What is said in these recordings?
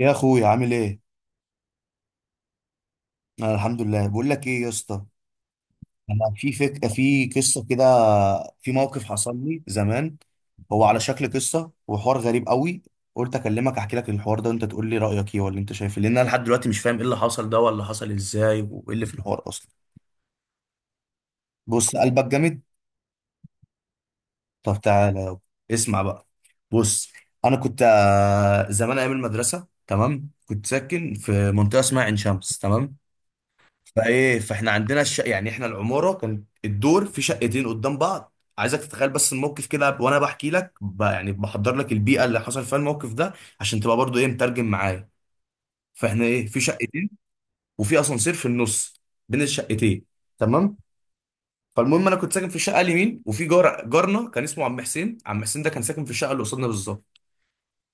يا اخويا عامل ايه؟ انا الحمد لله. بقول لك ايه يا اسطى، انا في في قصه كده، في موقف حصل لي زمان. هو على شكل قصه وحوار غريب قوي، قلت اكلمك احكي لك الحوار ده وانت تقول لي رايك ايه، ولا انت شايف إيه، لان انا لحد دلوقتي مش فاهم ايه اللي حصل ده، ولا حصل ازاي، وايه اللي في الحوار اصلا. بص قلبك جامد؟ طب تعالى يابا. اسمع بقى. بص، انا كنت زمان ايام المدرسه، تمام، كنت ساكن في منطقه اسمها عين شمس، تمام. فايه، فاحنا عندنا يعني احنا العماره كان الدور في شقتين قدام بعض، عايزك تتخيل بس الموقف كده، وانا بحكي لك يعني بحضر لك البيئه اللي حصل فيها الموقف ده، عشان تبقى برضو ايه، مترجم معايا. فاحنا ايه، في شقتين، وفي اسانسير في النص بين الشقتين، تمام. فالمهم، انا كنت ساكن في الشقه اليمين، وفي جار، جارنا كان اسمه عم حسين. عم حسين ده كان ساكن في الشقه اللي قصادنا بالظبط.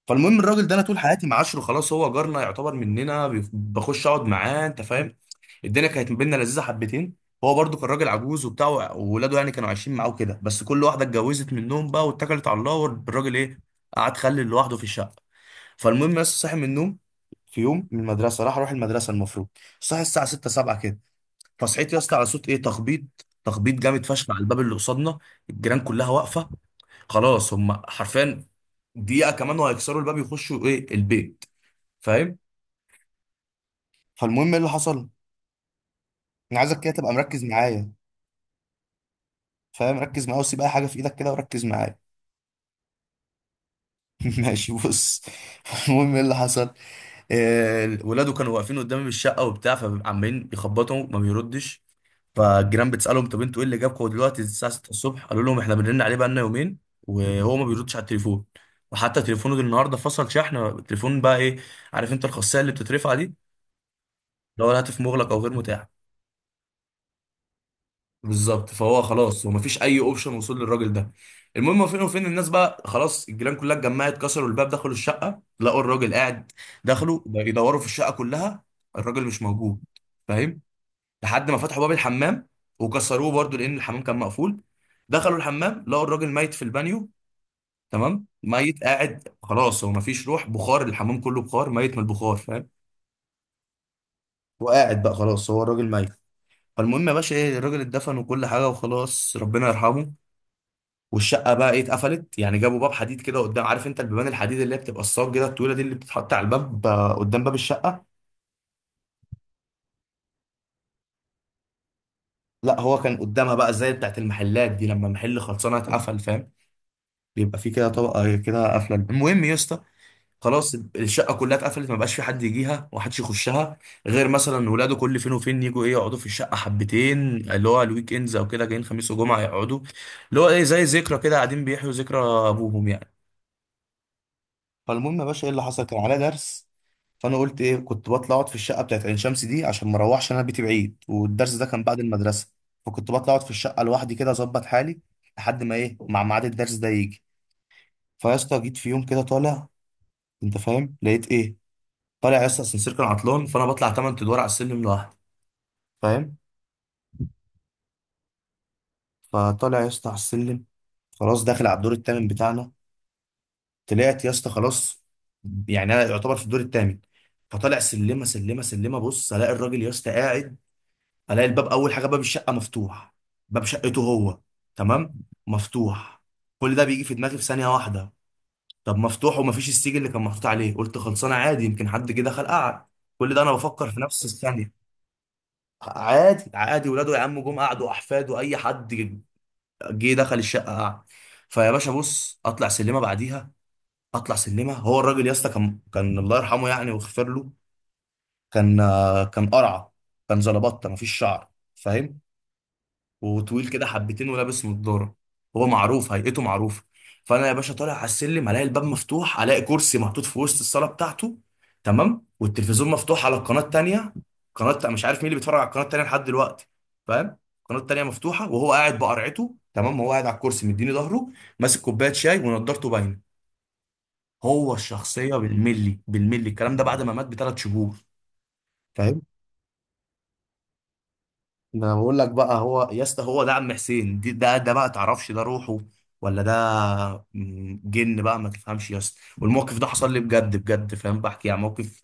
فالمهم الراجل ده انا طول حياتي معاشره، خلاص هو جارنا يعتبر، مننا، بخش اقعد معاه، انت فاهم. الدنيا كانت ما بيننا لذيذه حبتين. هو برضو كان راجل عجوز وبتاع، وولاده يعني كانوا عايشين معاه كده، بس كل واحده اتجوزت منهم بقى واتكلت على الله، والراجل ايه، قعد خلي لوحده في الشقه. فالمهم، بس صاحي من النوم في يوم من المدرسه، راح اروح المدرسه المفروض. صاحي الساعه 6 7 كده. فصحيت يا اسطى على صوت ايه، تخبيط. تخبيط جامد فشخ على الباب اللي قصادنا، الجيران كلها واقفه، خلاص هم حرفيا دقيقه كمان وهيكسروا الباب يخشوا ايه، البيت، فاهم. فالمهم ايه اللي حصل، انا عايزك كده تبقى مركز معايا. فاهم، ركز معايا وسيب اي حاجه في ايدك كده وركز معايا. ماشي، بص. المهم ايه اللي حصل، ولاده كانوا واقفين قدامي بالشقه وبتاع، فعمالين يخبطوا ما بيردش. فالجيران بتسالهم طب انتوا ايه اللي جابكم دلوقتي الساعه 6 الصبح؟ قالوا لهم احنا بنرن عليه بقالنا يومين وهو ما بيردش على التليفون، وحتى تليفونه ده النهارده فصل، شحن التليفون بقى ايه، عارف انت الخاصيه اللي بتترفع دي؟ اللي هو الهاتف مغلق او غير متاح. بالظبط، فهو خلاص، هو مفيش اي اوبشن وصول للراجل ده. المهم فين وفين، الناس بقى خلاص الجيران كلها اتجمعت، كسروا الباب، دخلوا الشقه، لقوا الراجل قاعد. دخلوا يدوروا في الشقه كلها، الراجل مش موجود، فاهم. لحد ما فتحوا باب الحمام وكسروه برضو، لان الحمام كان مقفول. دخلوا الحمام، لقوا الراجل ميت في البانيو، تمام. ميت، قاعد، خلاص هو مفيش روح، بخار الحمام كله بخار، ميت من البخار، فاهم. وقاعد بقى خلاص هو، الراجل ميت. فالمهم يا باشا ايه، الراجل اتدفن وكل حاجه، وخلاص ربنا يرحمه. والشقه بقى ايه، اتقفلت، يعني جابوا باب حديد كده قدام، عارف انت البيبان الحديد اللي هي بتبقى الصاج كده الطويله دي اللي بتتحط على الباب، قدام باب الشقه. لا هو كان قدامها بقى، زي بتاعت المحلات دي لما محل خلصانه اتقفل، فاهم، بيبقى في كده طبقه كده قافله. المهم يا اسطى، خلاص الشقه كلها اتقفلت، ما بقاش في حد يجيها ومحدش يخشها، غير مثلا ولاده كل فين وفين يجوا ايه، يقعدوا في الشقه حبتين، اللي هو الويك اندز او كده، جايين خميس وجمعه يقعدوا، اللي هو ايه، زي ذكرى كده، قاعدين بيحيوا ذكرى ابوهم يعني. فالمهم يا باشا ايه اللي حصل، كان عليا درس. فانا قلت ايه، كنت بطلع اقعد في الشقه بتاعت عين شمس دي، عشان ما اروحش انا، بيتي بعيد، والدرس ده كان بعد المدرسه. فكنت بطلع اقعد في الشقه لوحدي كده، اظبط حالي لحد ما ايه، مع ميعاد الدرس ده يجي. فيا اسطى جيت في يوم كده طالع، انت فاهم، لقيت ايه. طالع يا اسطى، السنسير كان عطلان، فانا بطلع 8 ادوار على السلم لوحدي، فاهم. فطالع يا اسطى على السلم، خلاص داخل على الدور الثامن بتاعنا. طلعت يا اسطى، خلاص، يعني انا يعتبر في الدور الثامن. فطالع سلمه سلمه سلمه، بص الاقي الراجل يا اسطى قاعد. الاقي الباب، اول حاجه، باب الشقه مفتوح. باب شقته هو، تمام، مفتوح. كل ده بيجي في دماغي في ثانيه واحده. طب مفتوح ومفيش السيج اللي كان محطوط عليه، قلت خلصانه عادي، يمكن حد جه دخل قعد. كل ده انا بفكر في نفس الثانيه. عادي عادي، ولاده يا عم، جم قعدوا، احفاده، اي حد جه دخل الشقه قعد. فيا باشا، بص، اطلع سلمه بعديها، اطلع سلمه، هو الراجل يا اسطى كان، الله يرحمه يعني ويغفر له، كان كان قرعه، كان زلبطه، مفيش شعر، فاهم، وطويل كده حبتين، ولابس نضاره. هو معروف، هيئته معروفه. فانا يا باشا طالع على السلم، الاقي الباب مفتوح، الاقي كرسي محطوط في وسط الصاله بتاعته، تمام، والتلفزيون مفتوح على القناه التانيه. قناه مش عارف مين اللي بيتفرج على القناه التانيه لحد دلوقتي، فاهم. القناه التانيه مفتوحه، وهو قاعد بقرعته، تمام، هو قاعد على الكرسي، مديني ظهره، ماسك كوبايه شاي، ونضارته باينه، هو الشخصيه بالملي بالملي. الكلام ده بعد ما مات بثلاث شهور، فاهم. ده انا بقول لك بقى، هو يا اسطى هو ده عم حسين دي، ده ده بقى تعرفش، ده روحه ولا ده جن بقى ما تفهمش يا اسطى، والموقف ده حصل لي بجد بجد، فاهم، بحكي يعني موقف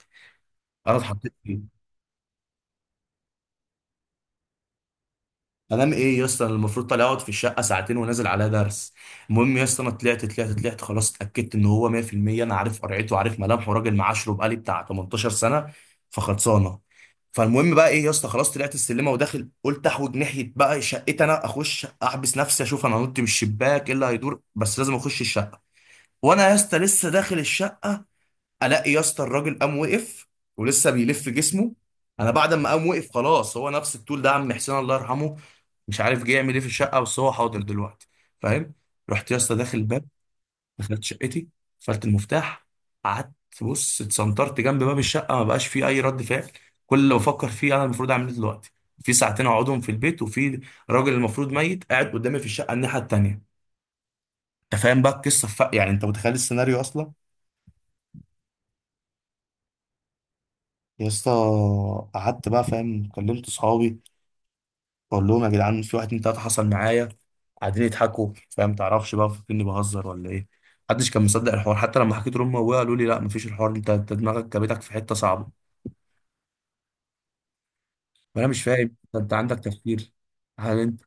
انا اتحطيت فيه. انام ايه يا اسطى، انا المفروض طالع اقعد في الشقه ساعتين، ونازل على درس. المهم يا اسطى، انا طلعت طلعت طلعت، خلاص اتاكدت ان هو 100%. انا عارف قرعته، عارف ملامحه، راجل معاشره بقالي بتاع 18 سنه، فخلصانه. فالمهم بقى ايه يا اسطى، خلاص طلعت السلمه وداخل، قلت احوج ناحيه بقى شقتي انا، اخش احبس نفسي، اشوف انا نط من الشباك ايه اللي هيدور، بس لازم اخش الشقه. وانا يا اسطى لسه داخل الشقه، الاقي يا اسطى الراجل قام وقف ولسه بيلف جسمه. انا بعد ما قام وقف، خلاص هو نفس الطول ده، عم حسين الله يرحمه، مش عارف جه يعمل ايه في الشقه، بس هو حاضر دلوقتي، فاهم. رحت يا اسطى داخل الباب، دخلت شقتي، قفلت المفتاح، قعدت. بص اتسنطرت جنب باب الشقه، ما بقاش فيه اي رد فعل. كل اللي بفكر فيه، انا المفروض اعمل ايه دلوقتي؟ في ساعتين اقعدهم في البيت، وفي راجل المفروض ميت قاعد قدامي في الشقه الناحيه التانيه. انت فاهم بقى القصه، يعني انت متخيل السيناريو اصلا. يا اسطى قعدت بقى، فاهم، كلمت صحابي بقول لهم يا جدعان في واحد اتنين تلاته حصل معايا، قاعدين يضحكوا، فاهم، تعرفش بقى، فاكرني اني بهزر ولا ايه. محدش كان مصدق الحوار، حتى لما حكيت لهم، ابويا قالوا لي لا مفيش الحوار ده، انت دماغك جابتك في حته صعبه، وانا مش فاهم. انت عندك تفكير، هل انت؟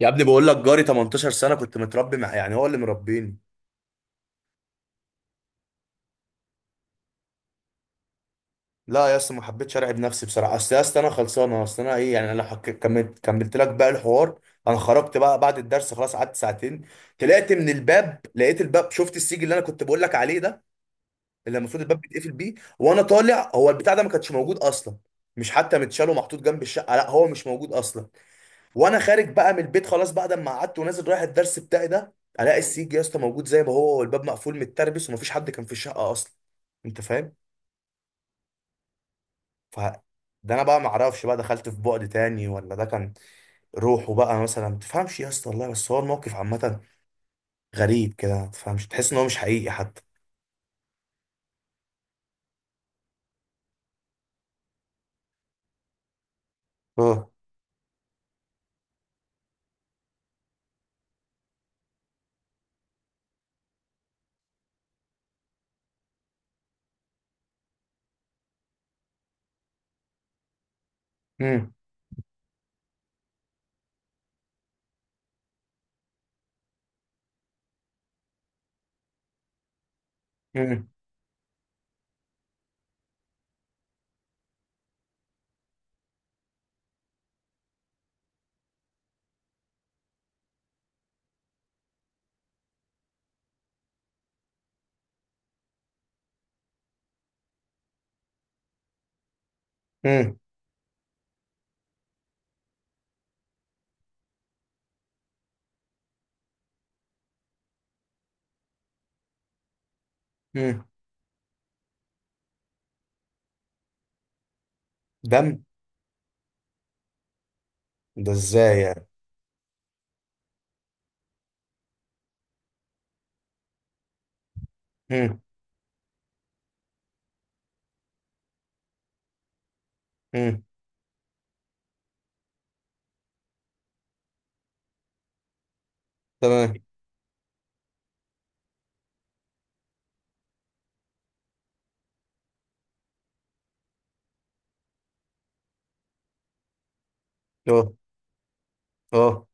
يا ابني بقول لك جاري 18 سنه، كنت متربي مع، يعني هو اللي مربيني. لا يا اسطى ما حبيتش ارعب نفسي بصراحه، اصل يا اسطى انا خلصانه، اصل انا ايه يعني، انا لو كملت، كملت لك بقى الحوار. انا خرجت بقى بعد الدرس، خلاص قعدت ساعتين، طلعت من الباب، لقيت الباب، شفت السيج اللي انا كنت بقول لك عليه ده، اللي المفروض الباب بيتقفل بيه، وانا طالع هو البتاع ده ما كانش موجود اصلا، مش حتى متشال ومحطوط جنب الشقه، لا هو مش موجود اصلا. وانا خارج بقى من البيت، خلاص بعد ما قعدت ونازل رايح الدرس بتاعي ده، الاقي السيج يا اسطى موجود زي ما هو، والباب مقفول متربس، ومفيش حد كان في الشقه اصلا، انت فاهم. ف ده انا بقى ما اعرفش بقى، دخلت في بعد تاني، ولا ده كان روحه بقى مثلا، ما تفهمش يا اسطى والله، بس هو الموقف عامه غريب كده ما تفهمش، تحس ان هو مش حقيقي حتى. اه. امم. امم. امم. امم. دم؟ ده ازاي يعني؟ امم. امم. تمام. اه. اه.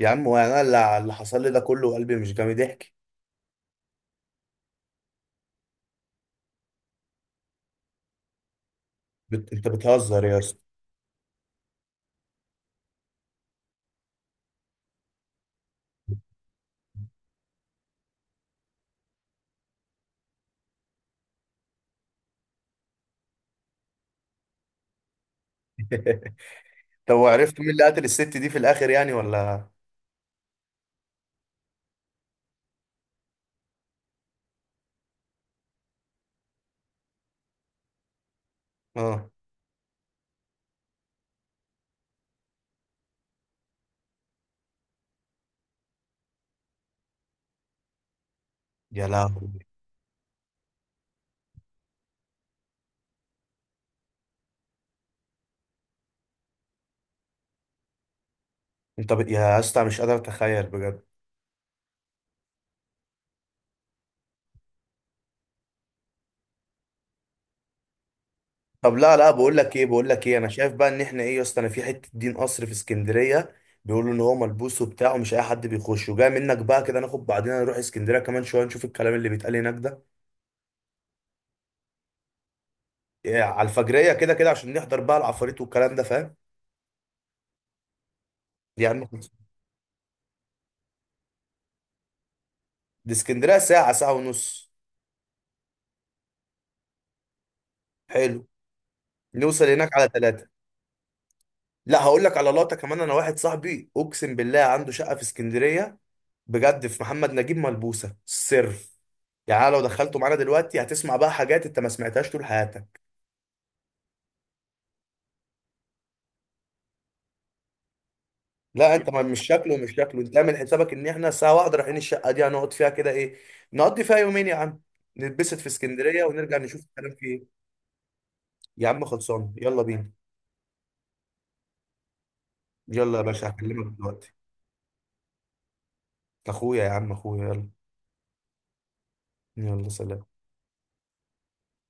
يا عم، وانا اللي اللي حصل لي ده كله قلبي مش جامد، ضحك. انت بتهزر يا اسطى؟ طب وعرفت مين اللي قتل الست دي في الاخر يعني ولا؟ اه. يا لهوي. يا اسطى مش قادر اتخيل بجد. طب، لا لا، بقول لك ايه، بقول لك ايه، انا شايف بقى ان احنا ايه يا اسطى، انا في حته دين قصر في اسكندريه، بيقولوا ان هو ملبوس وبتاع، ومش اي حد بيخشه، جاي منك بقى كده ناخد بعضنا نروح اسكندريه كمان شويه، نشوف الكلام اللي بيتقال هناك ده. إيه، على الفجريه كده كده، عشان نحضر بقى العفاريت والكلام ده، فاهم يعني. دي اسكندريه ساعه، ساعه ونص. حلو، نوصل هناك على ثلاثة. لا هقول لك على لقطه كمان، انا واحد صاحبي اقسم بالله عنده شقه في اسكندريه، بجد، في محمد نجيب، ملبوسه سر يعني، أنا لو دخلته معانا دلوقتي هتسمع بقى حاجات انت ما سمعتهاش طول حياتك. لا انت، مش شكله، مش شكله، انت اعمل حسابك ان احنا الساعه واحدة رايحين الشقه دي، هنقعد فيها كده ايه، نقضي فيها يومين يا عم، نتبسط في اسكندريه ونرجع، نشوف الكلام فيه ايه. يا عم خلصان، يلا بينا. يلا يا باشا هكلمك دلوقتي. اخويا يا عم، اخويا، يلا. يلا، سلام.